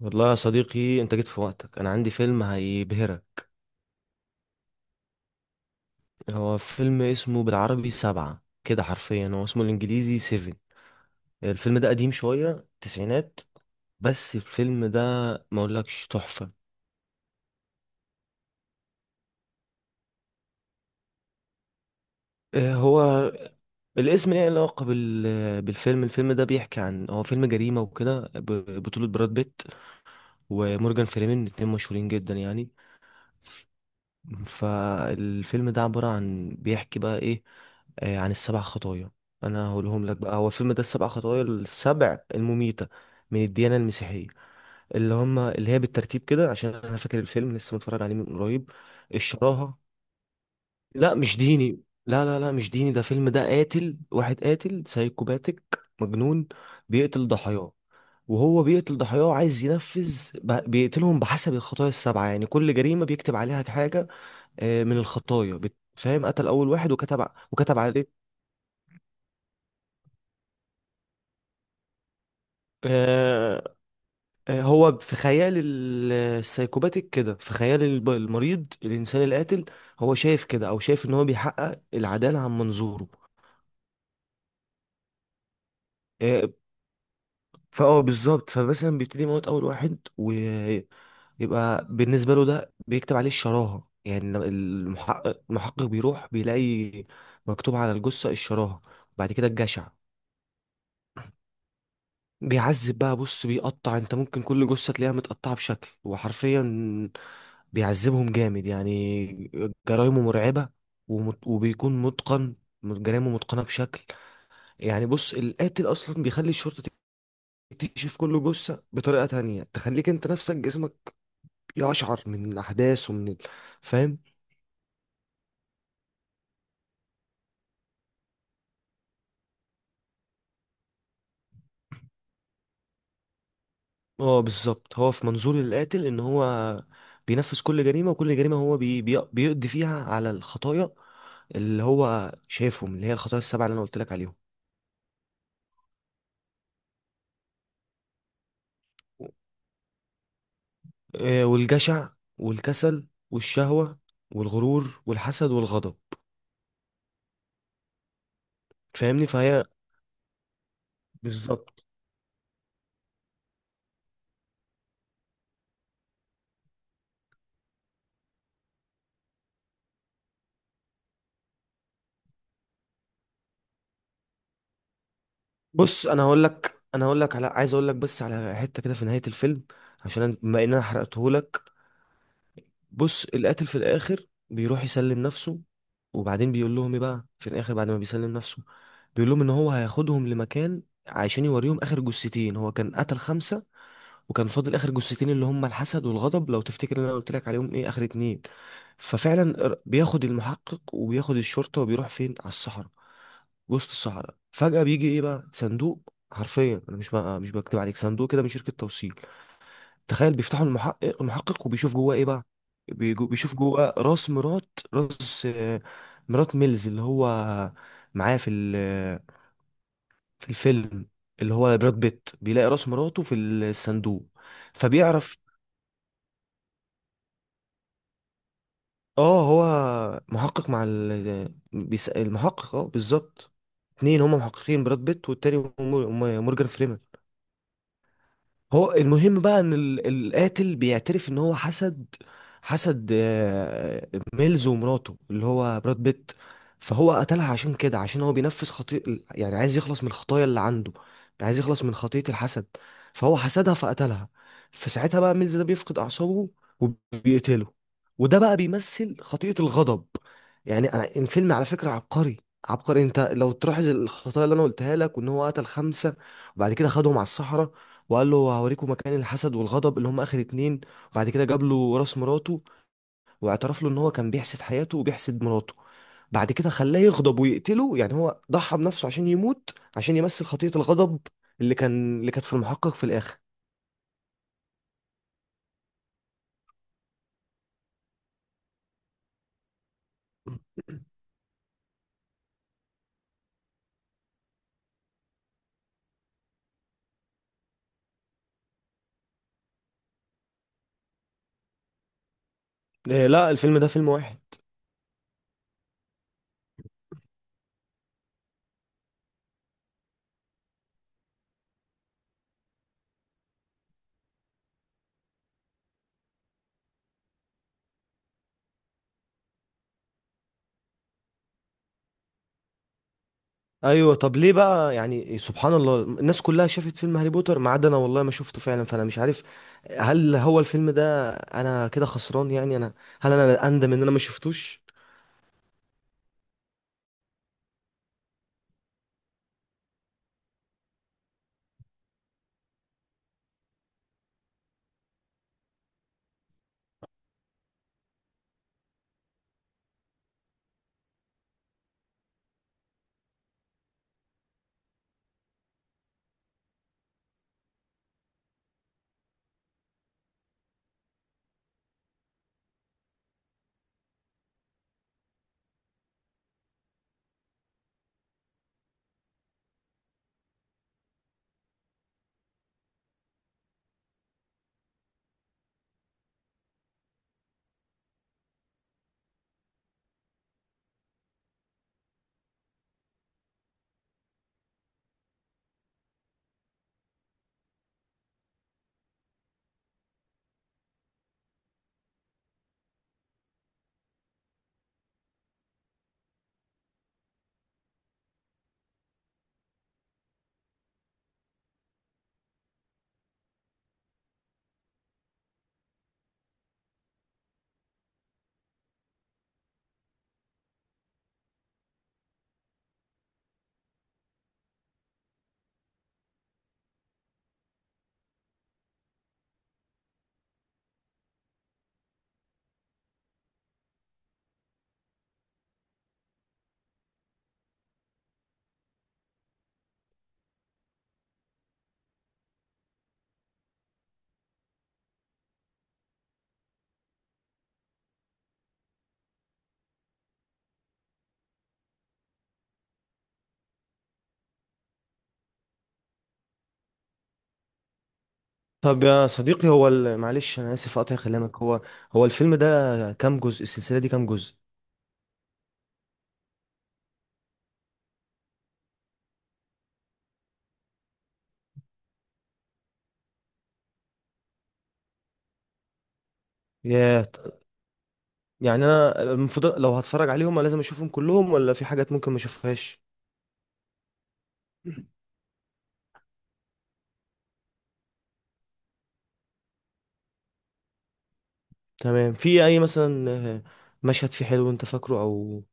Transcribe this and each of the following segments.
والله يا صديقي انت جيت في وقتك، انا عندي فيلم هيبهرك. هو فيلم اسمه بالعربي سبعة كده، حرفيا هو اسمه الانجليزي سيفن. الفيلم ده قديم شوية، تسعينات. بس الفيلم ده ما اقولكش تحفة. اه، هو الاسم ليه علاقة بالفيلم. الفيلم ده بيحكي عن، هو فيلم جريمة وكده، بطولة براد بيت ومورجان فريمان، اتنين مشهورين جدا يعني. فالفيلم ده عبارة عن، بيحكي بقى ايه، عن السبع خطايا. انا هقولهم لك بقى، هو الفيلم ده السبع خطايا، السبع المميتة من الديانة المسيحية، اللي هي بالترتيب كده عشان انا فاكر الفيلم لسه متفرج عليه من قريب. الشراهة. لا مش ديني، لا مش ديني، ده فيلم، ده قاتل واحد، قاتل سايكوباتيك مجنون بيقتل ضحاياه. وهو بيقتل ضحاياه عايز ينفذ بيقتلهم بحسب الخطايا السبعة. يعني كل جريمة بيكتب عليها حاجة من الخطايا، فاهم؟ قتل اول واحد وكتب وكتب عليه. آه، هو في خيال السايكوباتيك كده، في خيال المريض الانسان القاتل، هو شايف كده، او شايف ان هو بيحقق العداله عن منظوره. آه، فاه بالظبط. فمثلا بيبتدي يموت اول واحد ويبقى بالنسبه له ده، بيكتب عليه الشراهه. يعني لما المحقق بيروح بيلاقي مكتوب على الجثه الشراهه. بعد كده الجشع. بيعذب بقى، بص، بيقطع، انت ممكن كل جثة تلاقيها متقطعة بشكل، وحرفيا بيعذبهم جامد يعني. جرايمه مرعبة، وبيكون متقن، جرايمه متقنة بشكل. يعني بص، القاتل أصلا بيخلي الشرطة تكتشف كل جثة بطريقة تانية تخليك انت نفسك جسمك يقشعر من الأحداث ومن فاهم؟ اه بالظبط، هو في منظور القاتل ان هو بينفذ كل جريمة، وكل جريمة هو بيقضي فيها على الخطايا اللي هو شايفهم، اللي هي الخطايا السبعة اللي انا قلت لك عليهم. والجشع والكسل والشهوة والغرور والحسد والغضب. فاهمني؟ فهي بالظبط. بص، انا هقول لك انا هقول لك على عايز اقول لك بس على حتة كده في نهاية الفيلم، عشان بما ان انا حرقته. بص، القاتل في الاخر بيروح يسلم نفسه. وبعدين بيقول لهم ايه بقى في الاخر بعد ما بيسلم نفسه؟ بيقول لهم ان هو هياخدهم لمكان عشان يوريهم اخر جثتين. هو كان قتل خمسة، وكان فاضل اخر جثتين، اللي هم الحسد والغضب، لو تفتكر ان انا قلت لك عليهم ايه اخر اتنين. ففعلا بياخد المحقق وبياخد الشرطة وبيروح فين؟ على الصحراء. وسط الصحراء فجأة بيجي ايه بقى؟ صندوق، حرفيا انا مش بقى، مش بكتب عليك، صندوق كده من شركة توصيل. تخيل، بيفتحوا المحقق وبيشوف جواه ايه بقى. بيشوف جواه راس مرات، راس، مرات ميلز اللي هو معاه في في الفيلم، اللي هو براد بيت، بيلاقي راس مراته في الصندوق. فبيعرف. اه هو محقق مع بيسأل المحقق، اه بالظبط. اتنين هما محققين، براد بيت والتاني مورجان فريمان. هو المهم بقى ان القاتل بيعترف ان هو حسد، حسد، ميلز ومراته اللي هو براد بيت. فهو قتلها عشان كده، عشان هو بينفذ خطيئة، يعني عايز يخلص من الخطايا اللي عنده، عايز يخلص من خطية الحسد. فهو حسدها فقتلها. فساعتها بقى ميلز ده بيفقد أعصابه وبيقتله، وده بقى بيمثل خطيئة الغضب. يعني الفيلم على فكرة عبقري، عبقري. انت لو تلاحظ الخطايا اللي انا قلتها لك وان هو قتل خمسة، وبعد كده خدهم على الصحراء، وقال له هوريكم مكان الحسد والغضب اللي هم اخر اتنين. وبعد كده جاب له راس مراته، واعترف له ان هو كان بيحسد حياته وبيحسد مراته، بعد كده خلاه يغضب ويقتله. يعني هو ضحى بنفسه عشان يموت عشان يمثل خطية الغضب اللي كانت في المحقق في الاخر. إيه لا، الفيلم ده فيلم واحد. ايوه طب ليه بقى يعني، سبحان الله، الناس كلها شافت فيلم هاري بوتر ما عدا انا، والله ما شفته فعلا. فانا مش عارف، هل هو الفيلم ده انا كده خسران؟ يعني انا هل انا اندم ان انا ما شفتوش؟ طب يا صديقي هو معلش انا اسف اقطع كلامك، هو الفيلم ده كام جزء؟ السلسله دي كام جزء؟ يا ط- يعني انا المفروض لو هتفرج عليهم لازم اشوفهم كلهم ولا في حاجات ممكن ما اشوفهاش؟ تمام. في اي مثلا آه، مشهد فيه حلو انت فاكره، او؟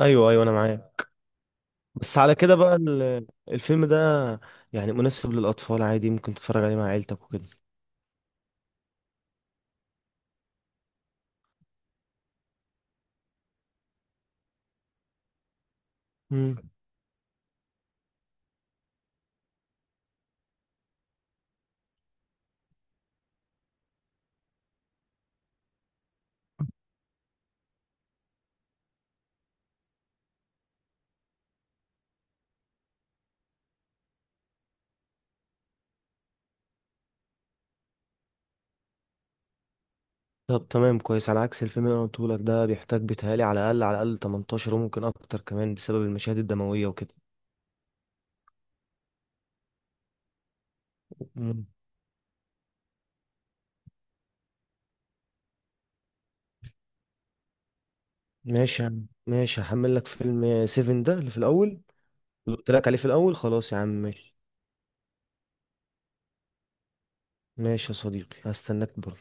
ايوه ايوه انا معاك. بس على كده بقى الفيلم ده يعني مناسب للاطفال عادي، ممكن تتفرج عليه مع عيلتك وكده؟ مم. طب تمام كويس، على عكس الفيلم اللي انا قلته لك ده، بيحتاج بيتهيألي على الاقل، على الاقل 18، وممكن اكتر كمان بسبب المشاهد الدمويه وكده. مم. ماشي يا عم، ماشي، هحمل لك فيلم سيفن ده اللي في الاول، اللي قلت لك عليه في الاول، خلاص يا عم ماشي. ماشي يا صديقي، هستناك برضه.